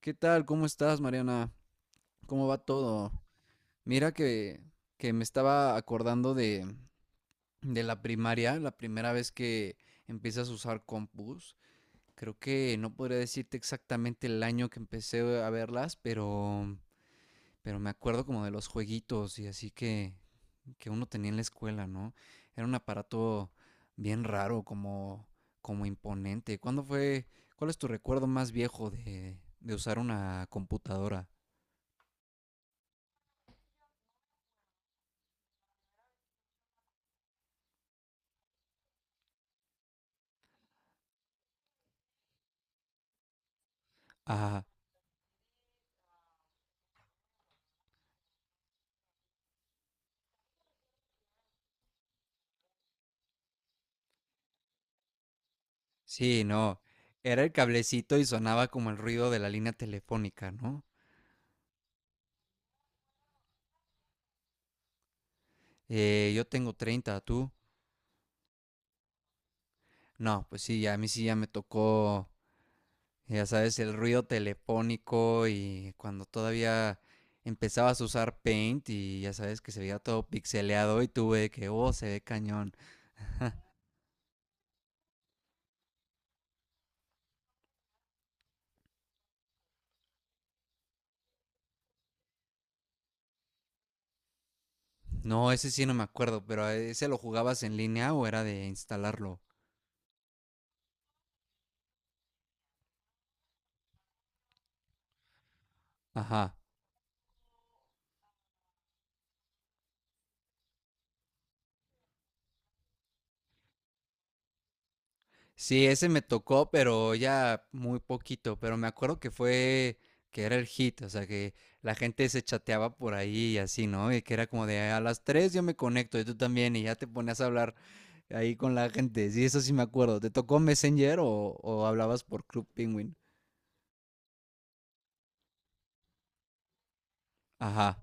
¿Qué tal? ¿Cómo estás, Mariana? ¿Cómo va todo? Mira que, me estaba acordando de la primaria, la primera vez que empiezas a usar compus. Creo que no podría decirte exactamente el año que empecé a verlas, pero me acuerdo como de los jueguitos y así que uno tenía en la escuela, ¿no? Era un aparato bien raro, como imponente. ¿Cuándo fue? ¿Cuál es tu recuerdo más viejo de usar una computadora? Ah, sí, no. Era el cablecito y sonaba como el ruido de la línea telefónica, ¿no? Yo tengo 30, ¿tú? No, pues sí, a mí sí ya me tocó, ya sabes, el ruido telefónico y cuando todavía empezabas a usar Paint y ya sabes que se veía todo pixeleado y tuve que, oh, se ve cañón. No, ese sí no me acuerdo, pero ¿ese lo jugabas en línea o era de instalarlo? Ajá. Sí, ese me tocó, pero ya muy poquito, pero me acuerdo que era el hit, o sea, que la gente se chateaba por ahí y así, ¿no? Y que era como de, a las 3 yo me conecto y tú también, y ya te ponías a hablar ahí con la gente. Sí, eso sí me acuerdo. ¿Te tocó Messenger o hablabas por Club Penguin? Ajá,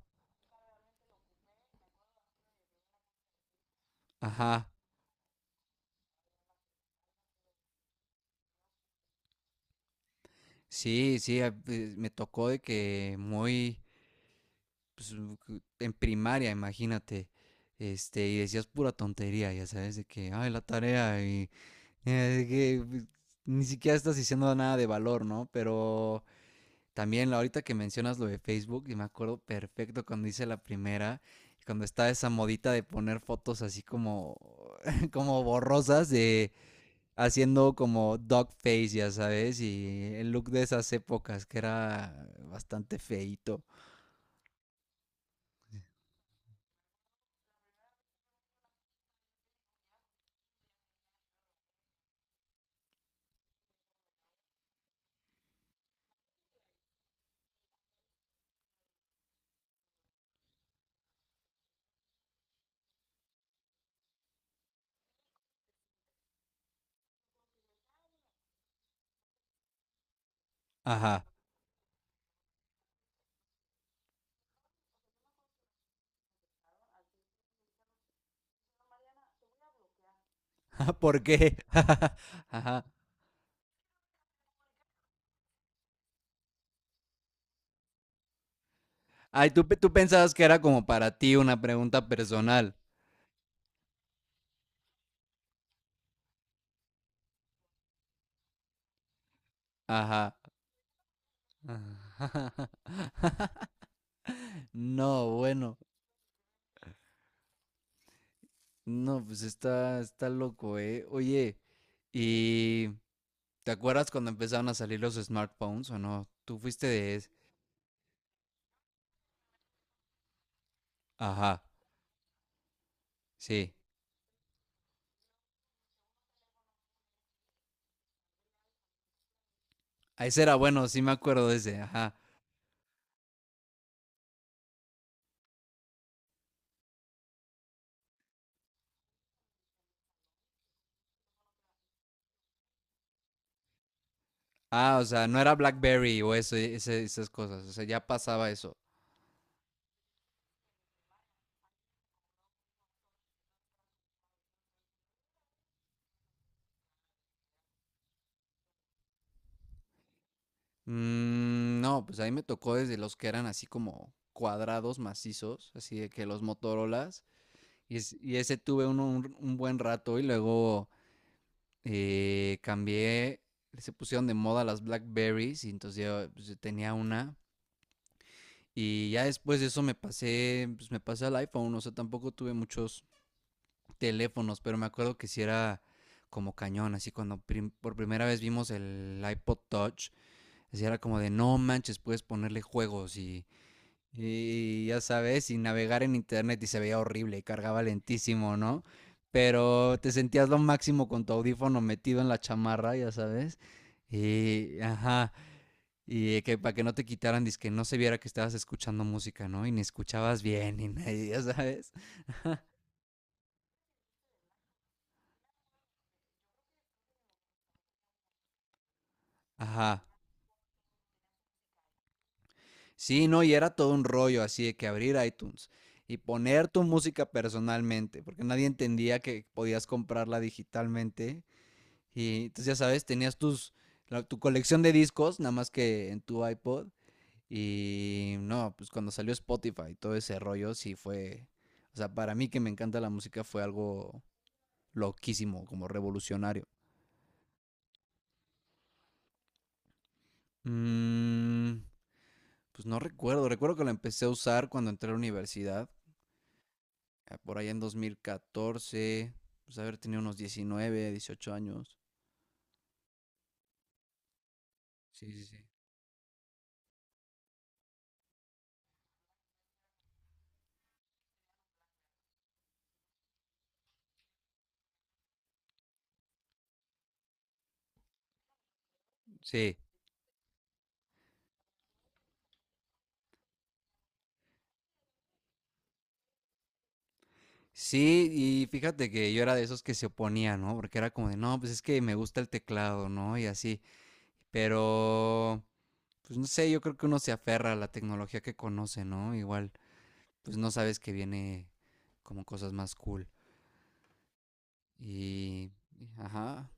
ajá. Me tocó de que muy, pues, en primaria, imagínate, y decías pura tontería, ya sabes, de que, ay, la tarea. Eh, que pues, Ni siquiera estás diciendo nada de valor, ¿no? Pero también ahorita que mencionas lo de Facebook, y me acuerdo perfecto cuando hice cuando estaba esa modita de poner fotos así como como borrosas, de haciendo como dog face, ya sabes, y el look de esas épocas que era bastante feito. Ajá, ¿por qué? Ajá. Ay, tú, tú pensabas que era como para ti una pregunta personal. Ajá. No, bueno, no, pues está, está loco, ¿eh? Oye, ¿y te acuerdas cuando empezaron a salir los smartphones o no? Tú fuiste de ese. Ajá, sí. Ah, ese era bueno, sí me acuerdo de ese, ajá. Ah, o sea, no era BlackBerry o eso, esas cosas, o sea, ya pasaba eso. No, pues ahí me tocó desde los que eran así como cuadrados macizos, así de que los Motorolas, y, y ese tuve uno un buen rato y luego... cambié, se pusieron de moda las Blackberries y entonces yo, pues, yo tenía una. Y ya después de eso me pasé, pues me pasé al iPhone, o sea, tampoco tuve muchos teléfonos, pero me acuerdo que si era como cañón, así cuando por primera vez vimos el iPod Touch, así era como de no manches, puedes ponerle juegos y ya sabes, sin navegar en internet y se veía horrible y cargaba lentísimo, ¿no? Pero te sentías lo máximo con tu audífono metido en la chamarra, ya sabes. Y, ajá, y que para que no te quitaran, dizque no se viera que estabas escuchando música, ¿no? Y ni escuchabas bien, ni nadie, ya sabes. Ajá. Sí, no, y era todo un rollo así de que abrir iTunes y poner tu música personalmente, porque nadie entendía que podías comprarla digitalmente. Y entonces, ya sabes, la- tu colección de discos, nada más que en tu iPod. Y no, pues cuando salió Spotify y todo ese rollo, sí fue. O sea, para mí que me encanta la música fue algo loquísimo, como revolucionario. Mm, pues no recuerdo. Recuerdo que lo empecé a usar cuando entré a la universidad, por allá en 2014. Pues haber tenido unos 19 18 años. Sí, sí, sí. Sí, sí, y fíjate que yo era de esos que se oponía, ¿no? Porque era como de, no, pues es que me gusta el teclado, ¿no? Y así. Pero pues no sé, yo creo que uno se aferra a la tecnología que conoce, ¿no? Igual, pues no sabes que viene como cosas más cool. Y, y ajá.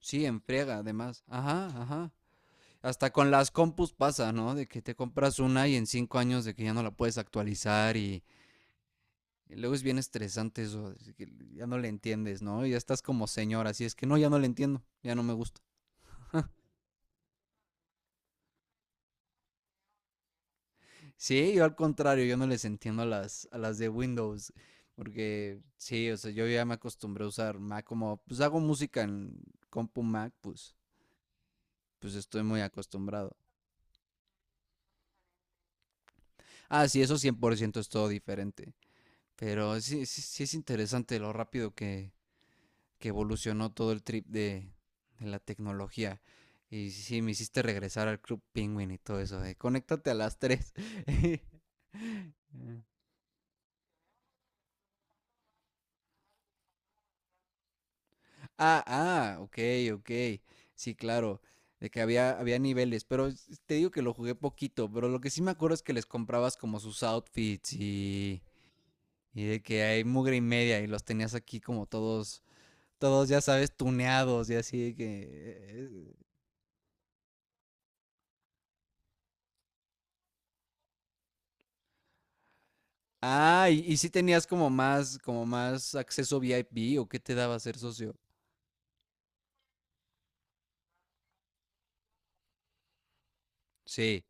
Sí, enfriega, además. Ajá, ajá. Hasta con las compus pasa, ¿no? De que te compras una y en 5 años de que ya no la puedes actualizar, luego es bien estresante eso, que ya no le entiendes, ¿no? Ya estás como señora, así es que no, ya no le entiendo, ya no me gusta. Sí, yo al contrario, yo no les entiendo a las de Windows, porque sí, o sea, yo ya me acostumbré a usar Mac como, pues hago música en compu Mac, pues, pues estoy muy acostumbrado. Ah, sí, eso 100% es todo diferente, pero sí, sí, sí es interesante lo rápido que evolucionó todo el trip de la tecnología. Y sí, me hiciste regresar al Club Penguin y todo eso, de conéctate a las tres. Ah, ah, ok, ok. Sí, claro, de que había niveles, pero te digo que lo jugué poquito, pero lo que sí me acuerdo es que les comprabas como sus outfits y de que hay mugre y media y los tenías aquí como todos ya sabes, tuneados y así, de que eh, ah, y si tenías como más acceso VIP o qué te daba ser socio. Sí,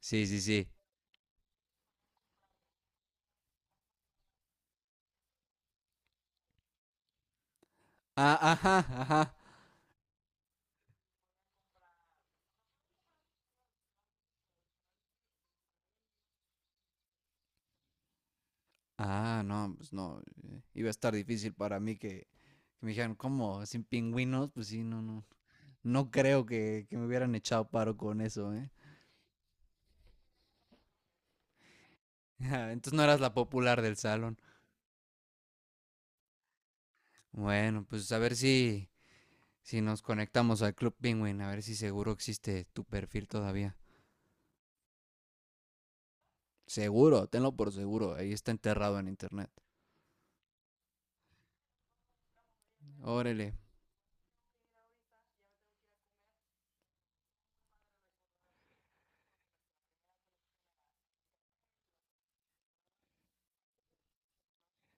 sí, sí, sí. Ah, ajá, ajá. Ah, no, pues no. Iba a estar difícil para mí que me dijeran, ¿cómo? ¿Sin pingüinos? Pues sí, no, no. No creo que me hubieran echado paro con eso, ¿eh? Entonces no eras la popular del salón. Bueno, pues a ver si nos conectamos al Club Penguin, a ver si seguro existe tu perfil todavía. Seguro, tenlo por seguro, ahí está enterrado en internet. Órale.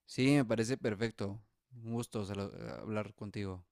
Sí, me parece perfecto. Un gusto hablar contigo.